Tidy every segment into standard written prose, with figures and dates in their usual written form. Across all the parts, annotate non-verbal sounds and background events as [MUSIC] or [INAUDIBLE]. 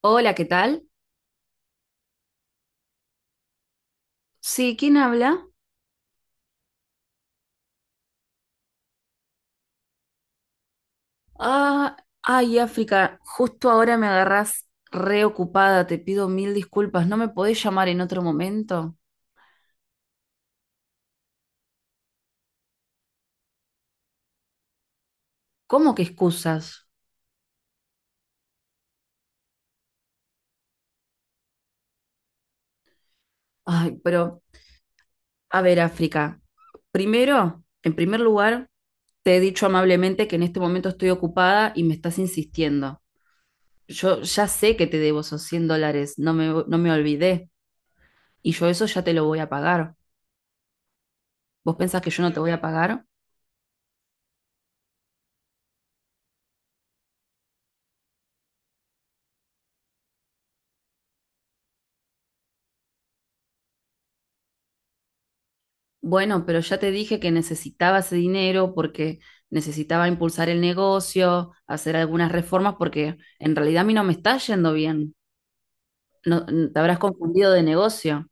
Hola, ¿qué tal? Sí, ¿quién habla? Ah, ay, África, justo ahora me agarrás reocupada, te pido mil disculpas, ¿no me podés llamar en otro momento? ¿Cómo que excusas? Ay, pero, a ver, África, en primer lugar, te he dicho amablemente que en este momento estoy ocupada y me estás insistiendo. Yo ya sé que te debo esos 100 dólares, no me olvidé, y yo eso ya te lo voy a pagar. ¿Vos pensás que yo no te voy a pagar? Bueno, pero ya te dije que necesitaba ese dinero porque necesitaba impulsar el negocio, hacer algunas reformas, porque en realidad a mí no me está yendo bien. No, te habrás confundido de negocio.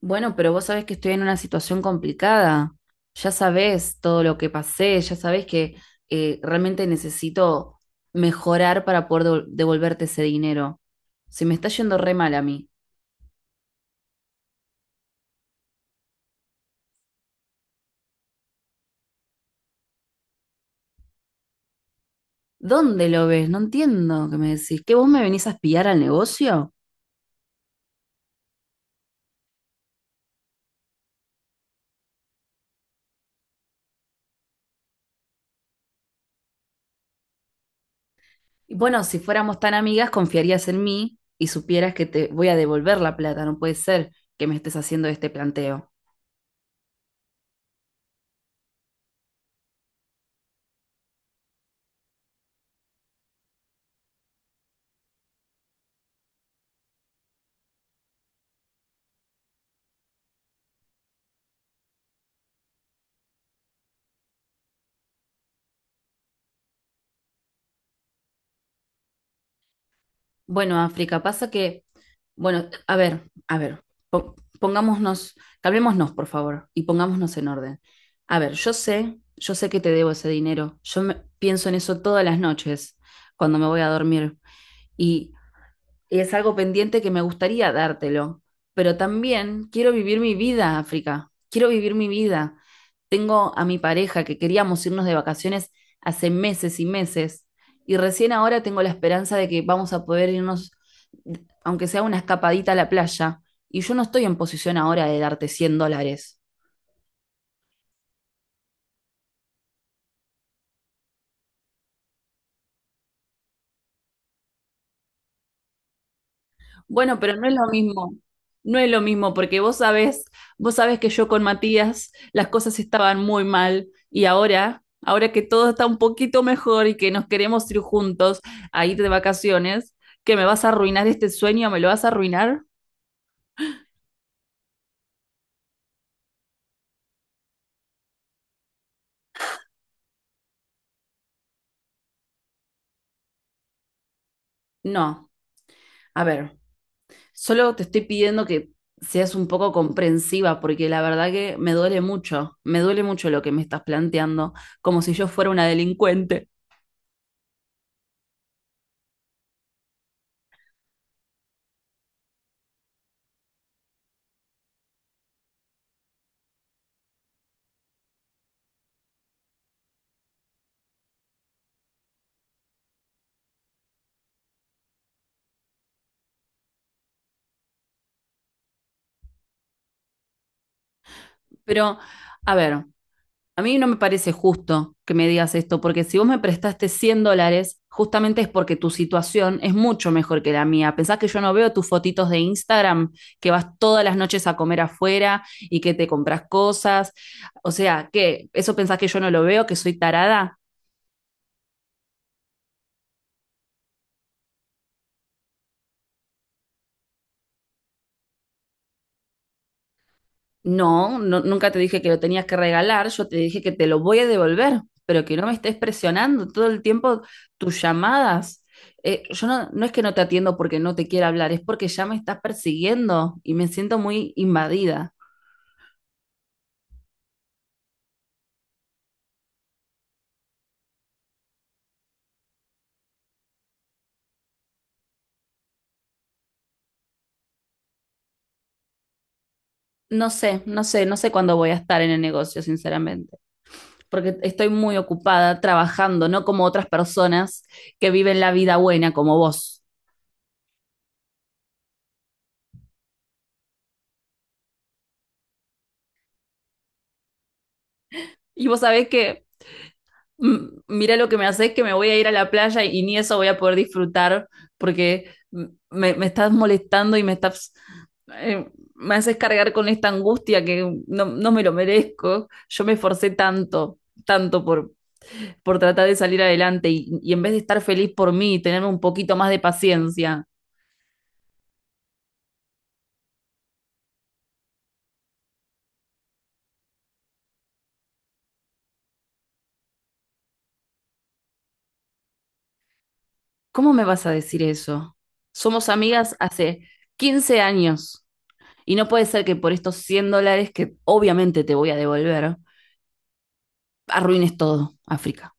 Bueno, pero vos sabés que estoy en una situación complicada. Ya sabés todo lo que pasé, ya sabés que realmente necesito mejorar para poder devolverte ese dinero. Se me está yendo re mal a mí. ¿Dónde lo ves? No entiendo qué me decís. ¿Que vos me venís a espiar al negocio? Y bueno, si fuéramos tan amigas, confiarías en mí y supieras que te voy a devolver la plata. No puede ser que me estés haciendo este planteo. Bueno, África, pasa que, bueno, a ver, pongámonos, calmémonos, por favor, y pongámonos en orden. A ver, yo sé que te debo ese dinero. Pienso en eso todas las noches cuando me voy a dormir. Y es algo pendiente que me gustaría dártelo, pero también quiero vivir mi vida, África, quiero vivir mi vida. Tengo a mi pareja que queríamos irnos de vacaciones hace meses y meses y recién ahora tengo la esperanza de que vamos a poder irnos, aunque sea una escapadita a la playa, y yo no estoy en posición ahora de darte 100 dólares. Bueno, pero no es lo mismo. No es lo mismo, porque vos sabés que yo con Matías las cosas estaban muy mal y ahora que todo está un poquito mejor y que nos queremos ir juntos a ir de vacaciones, ¿que me vas a arruinar este sueño? ¿Me lo vas a arruinar? No. A ver, solo te estoy pidiendo que seas un poco comprensiva, porque la verdad que me duele mucho lo que me estás planteando, como si yo fuera una delincuente. Pero, a ver. A mí no me parece justo que me digas esto, porque si vos me prestaste 100 dólares, justamente es porque tu situación es mucho mejor que la mía. Pensás que yo no veo tus fotitos de Instagram, que vas todas las noches a comer afuera y que te compras cosas. O sea, ¿qué? ¿Eso pensás que yo no lo veo, que soy tarada? No, no, nunca te dije que lo tenías que regalar, yo te dije que te lo voy a devolver, pero que no me estés presionando todo el tiempo tus llamadas. Yo no es que no te atiendo porque no te quiera hablar, es porque ya me estás persiguiendo y me siento muy invadida. No sé cuándo voy a estar en el negocio, sinceramente, porque estoy muy ocupada trabajando, no como otras personas que viven la vida buena como vos. Y vos sabés que mm, mira lo que me haces, que me voy a ir a la playa y ni eso voy a poder disfrutar porque me estás molestando y eh, me haces cargar con esta angustia que no me lo merezco. Yo me esforcé tanto por tratar de salir adelante y en vez de estar feliz por mí y tener un poquito más de paciencia, ¿cómo me vas a decir eso? Somos amigas hace 15 años y no puede ser que por estos 100 dólares que obviamente te voy a devolver arruines todo, África.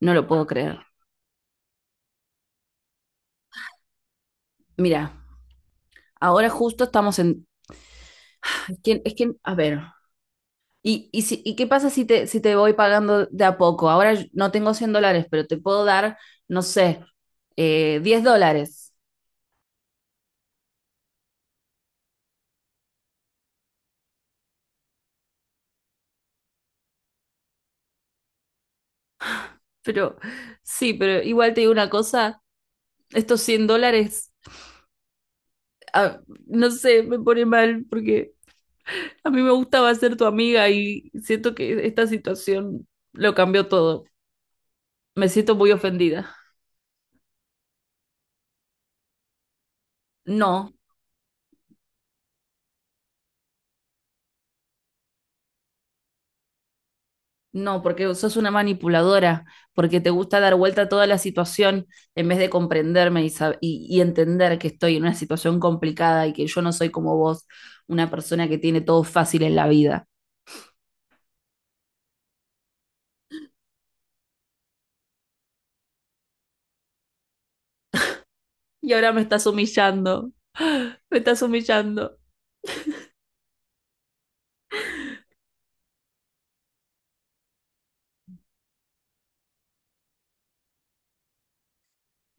No lo puedo creer. Mira, ahora justo estamos en... Es que, a ver, ¿y qué pasa si si te voy pagando de a poco? Ahora no tengo 100 dólares, pero te puedo dar, no sé, 10 dólares. Pero sí, pero igual te digo una cosa, estos 100 dólares, ah, no sé, me pone mal porque a mí me gustaba ser tu amiga y siento que esta situación lo cambió todo. Me siento muy ofendida. No, No, porque sos una manipuladora, porque te gusta dar vuelta a toda la situación en vez de comprenderme y, y entender que estoy en una situación complicada y que yo no soy como vos, una persona que tiene todo fácil en la vida. Y ahora me estás humillando, [GASPS] me estás humillando.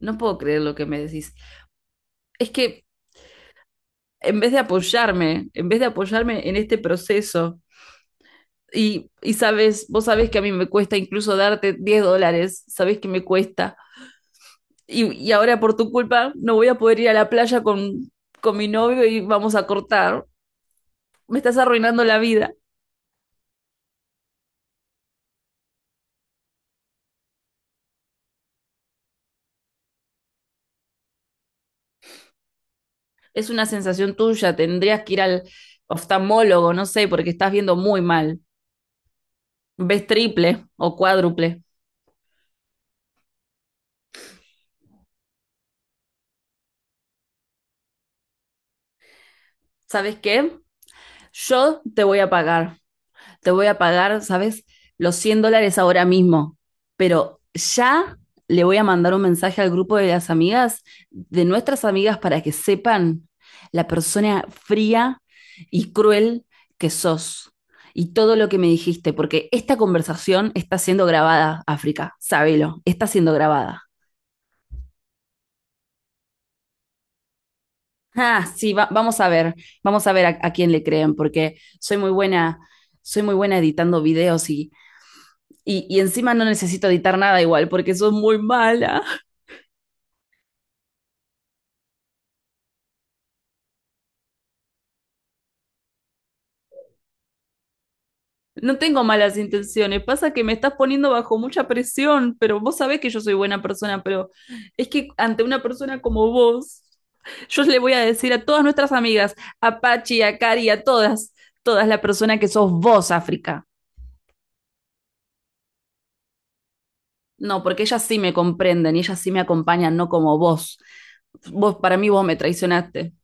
No puedo creer lo que me decís. Es que en vez de apoyarme en este proceso, y sabes, vos sabés que a mí me cuesta incluso darte 10 dólares, sabés que me cuesta. Y ahora por tu culpa no voy a poder ir a la playa con mi novio y vamos a cortar. Me estás arruinando la vida. Es una sensación tuya, tendrías que ir al oftalmólogo, no sé, porque estás viendo muy mal. Ves triple o cuádruple. ¿Sabes qué? Yo te voy a pagar. Te voy a pagar, ¿sabes? Los 100 dólares ahora mismo, pero ya le voy a mandar un mensaje al grupo de las amigas, de nuestras amigas, para que sepan la persona fría y cruel que sos y todo lo que me dijiste, porque esta conversación está siendo grabada, África, sábelo, está siendo grabada. Ah, sí, vamos a ver a quién le creen, porque soy muy buena editando videos y encima no necesito editar nada igual, porque soy muy mala. No tengo malas intenciones. Pasa que me estás poniendo bajo mucha presión, pero vos sabés que yo soy buena persona, pero es que ante una persona como vos, yo le voy a decir a todas nuestras amigas, a Pachi, a Cari, a todas, todas la persona que sos vos, África. No, porque ellas sí me comprenden y ellas sí me acompañan, no como vos. Vos, para mí, vos me traicionaste.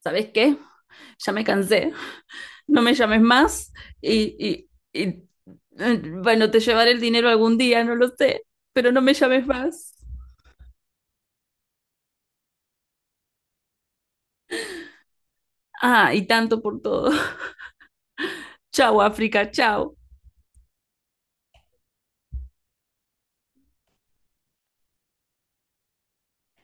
¿Sabés qué? Ya me cansé. No me llames más y, bueno, te llevaré el dinero algún día, no lo sé, pero no me llames más. Ah, y tanto por todo. [LAUGHS] Chao, África, chao.